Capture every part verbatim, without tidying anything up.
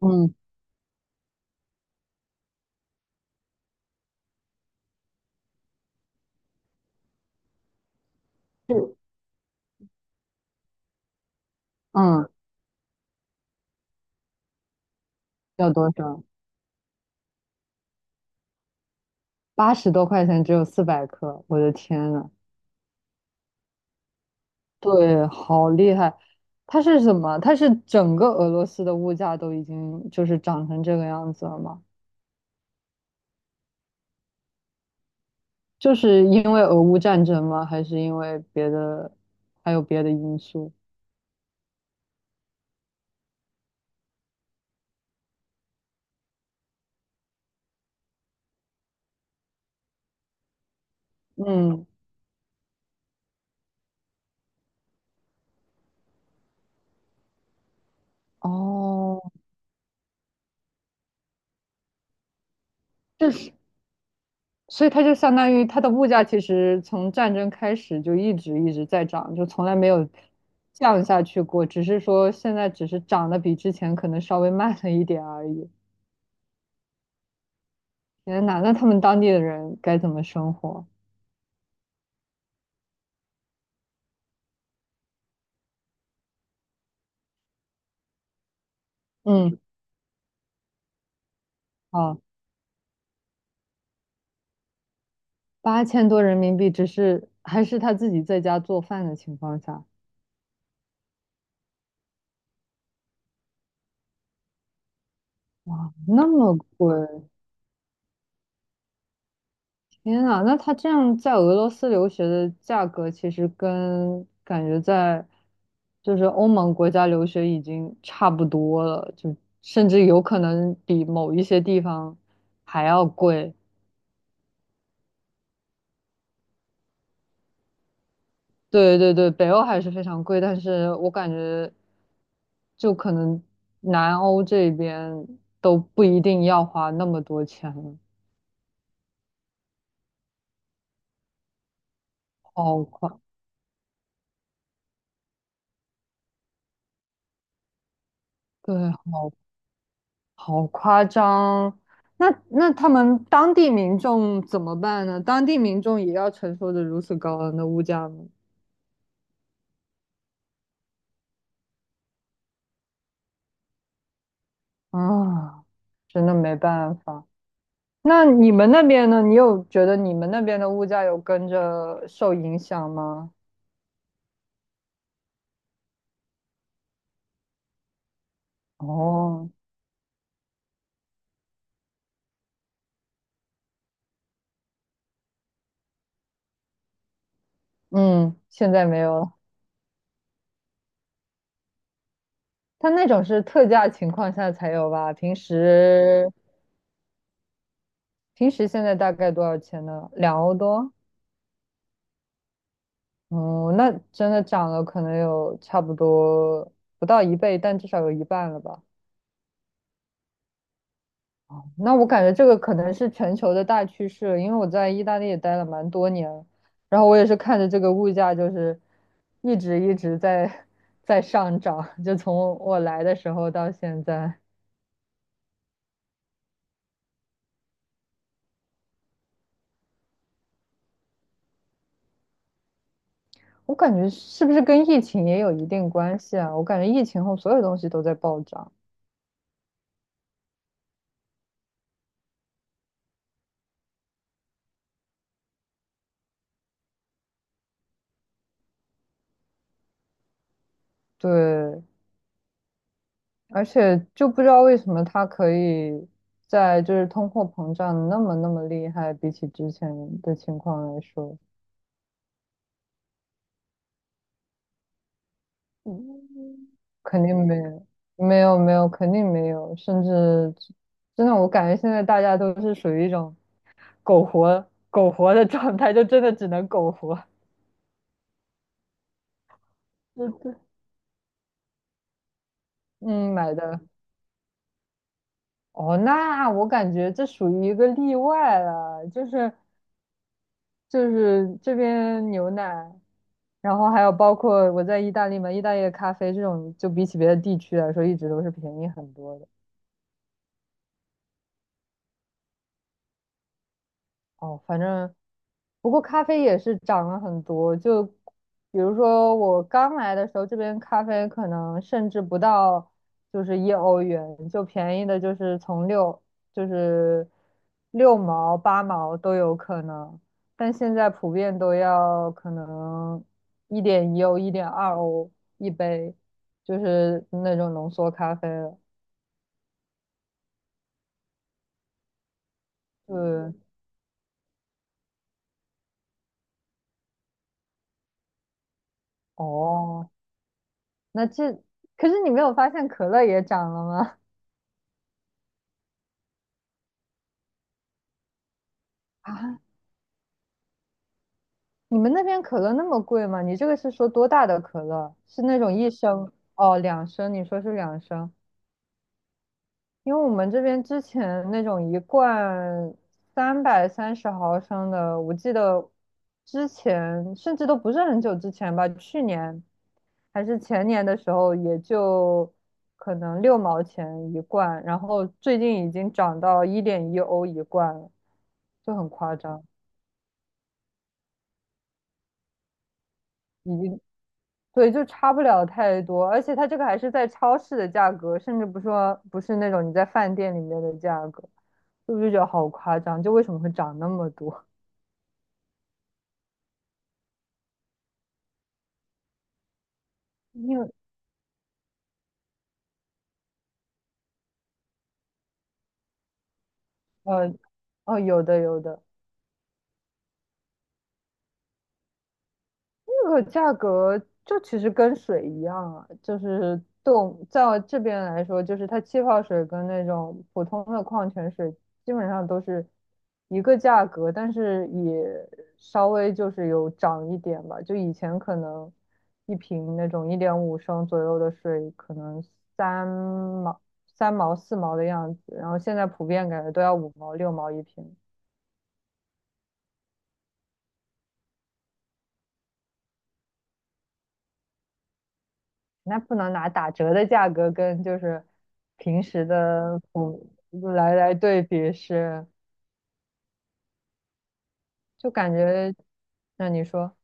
嗯，是，嗯，要多少？八十多块钱只有四百克，我的天呐，对，好厉害！它是什么？它是整个俄罗斯的物价都已经就是涨成这个样子了吗？就是因为俄乌战争吗？还是因为别的，还有别的因素？嗯，哦，这是。所以它就相当于它的物价其实从战争开始就一直一直在涨，就从来没有降下去过，只是说现在只是涨得比之前可能稍微慢了一点而已。天呐，那他们当地的人该怎么生活？嗯，哦，八千多人民币，只是还是他自己在家做饭的情况下，哇，那么贵，天呐，那他这样在俄罗斯留学的价格，其实跟感觉在就是欧盟国家留学已经差不多了，就甚至有可能比某一些地方还要贵。对对对，北欧还是非常贵，但是我感觉就可能南欧这边都不一定要花那么多钱了，好快，对，好夸张！那那他们当地民众怎么办呢？当地民众也要承受着如此高昂的物价吗？啊，真的没办法。那你们那边呢？你有觉得你们那边的物价有跟着受影响吗？哦，嗯，现在没有了。它那种是特价情况下才有吧？平时平时现在大概多少钱呢？两欧多？哦，那真的涨了，可能有差不多不到一倍，但至少有一半了吧？那我感觉这个可能是全球的大趋势，因为我在意大利也待了蛮多年了，然后我也是看着这个物价就是一直一直在 在上涨，就从我来的时候到现在，我感觉是不是跟疫情也有一定关系啊？我感觉疫情后所有东西都在暴涨，对，而且就不知道为什么它可以在就是通货膨胀那么那么厉害，比起之前的情况来说，嗯，肯定没有，没有没有，肯定没有，甚至真的我感觉现在大家都是属于一种苟活苟活的状态，就真的只能苟活。对对，嗯，买的。哦，那我感觉这属于一个例外了，就是就是这边牛奶，然后还有包括我在意大利嘛，意大利的咖啡这种，就比起别的地区来说，一直都是便宜很多的。哦，反正不过咖啡也是涨了很多，就比如说我刚来的时候，这边咖啡可能甚至不到就是一欧元，就便宜的就是从六就是六毛八毛都有可能，但现在普遍都要可能一点一欧一点二欧一杯，就是那种浓缩咖啡了。对，哦，那这可是你没有发现可乐也涨了吗？啊，你们那边可乐那么贵吗？你这个是说多大的可乐？是那种一升？哦，两升？你说是两升？因为我们这边之前那种一罐三百三十毫升的，我记得之前甚至都不是很久之前吧，去年还是前年的时候，也就可能六毛钱一罐，然后最近已经涨到一点一欧一罐了，就很夸张，已经对，就差不了太多，而且它这个还是在超市的价格，甚至不说不是那种你在饭店里面的价格，就不就觉得好夸张？就为什么会涨那么多？因为 呃，哦，有的有的，这个价格就其实跟水一样啊，就是对我们在这边来说，就是它气泡水跟那种普通的矿泉水基本上都是一个价格，但是也稍微就是有涨一点吧。就以前可能一瓶那种一点五升左右的水，可能三毛、三毛、四毛的样子，然后现在普遍感觉都要五毛、六毛一瓶。那不能拿打折的价格跟就是平时的普来来对比是，就感觉，那你说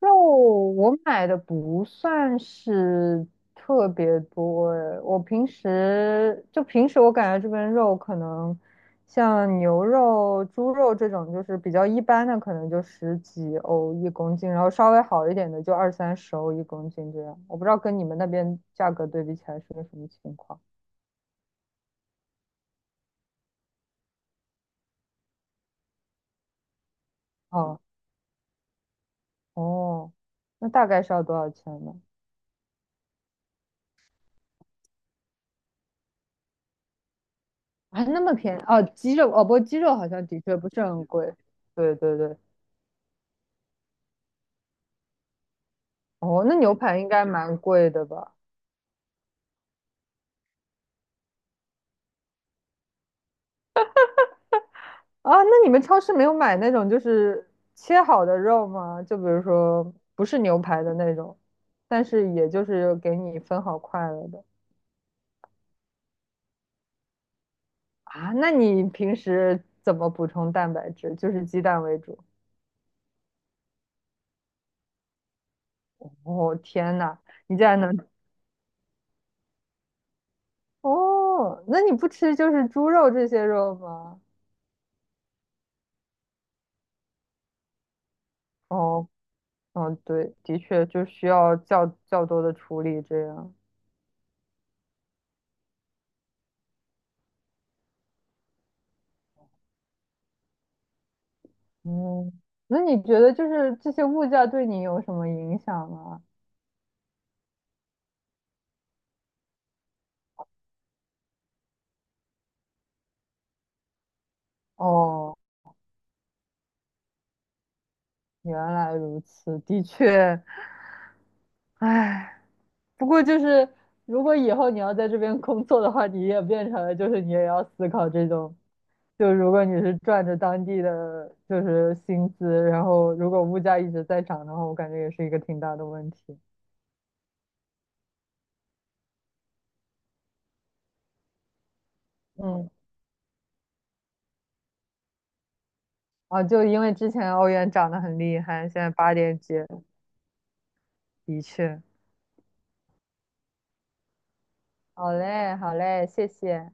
肉我买的不算是特别多诶，我平时就平时我感觉这边肉可能像牛肉、猪肉这种就是比较一般的，可能就十几欧一公斤，然后稍微好一点的就二三十欧一公斤这样，我不知道跟你们那边价格对比起来是个什么情况。哦，哦，那大概是要多少钱呢？还那么便宜哦，鸡肉哦，不过鸡肉好像的确不是很贵。对对对，哦，那牛排应该蛮贵的吧？啊，那你们超市没有买那种就是切好的肉吗？就比如说不是牛排的那种，但是也就是给你分好块了的。啊？那你平时怎么补充蛋白质？就是鸡蛋为主。哦，天呐，你竟然能。哦？那你不吃就是猪肉这些肉吗？哦，嗯，对，的确就需要较较多的处理这样。嗯，那你觉得就是这些物价对你有什么影响吗？哦，原来如此，的确，唉，不过就是如果以后你要在这边工作的话，你也变成了就是你也要思考这种，就如果你是赚着当地的就是薪资，然后如果物价一直在涨的话，我感觉也是一个挺大的问题。嗯。啊，就因为之前欧元涨得很厉害，现在八点几，的确。好嘞，好嘞，谢谢。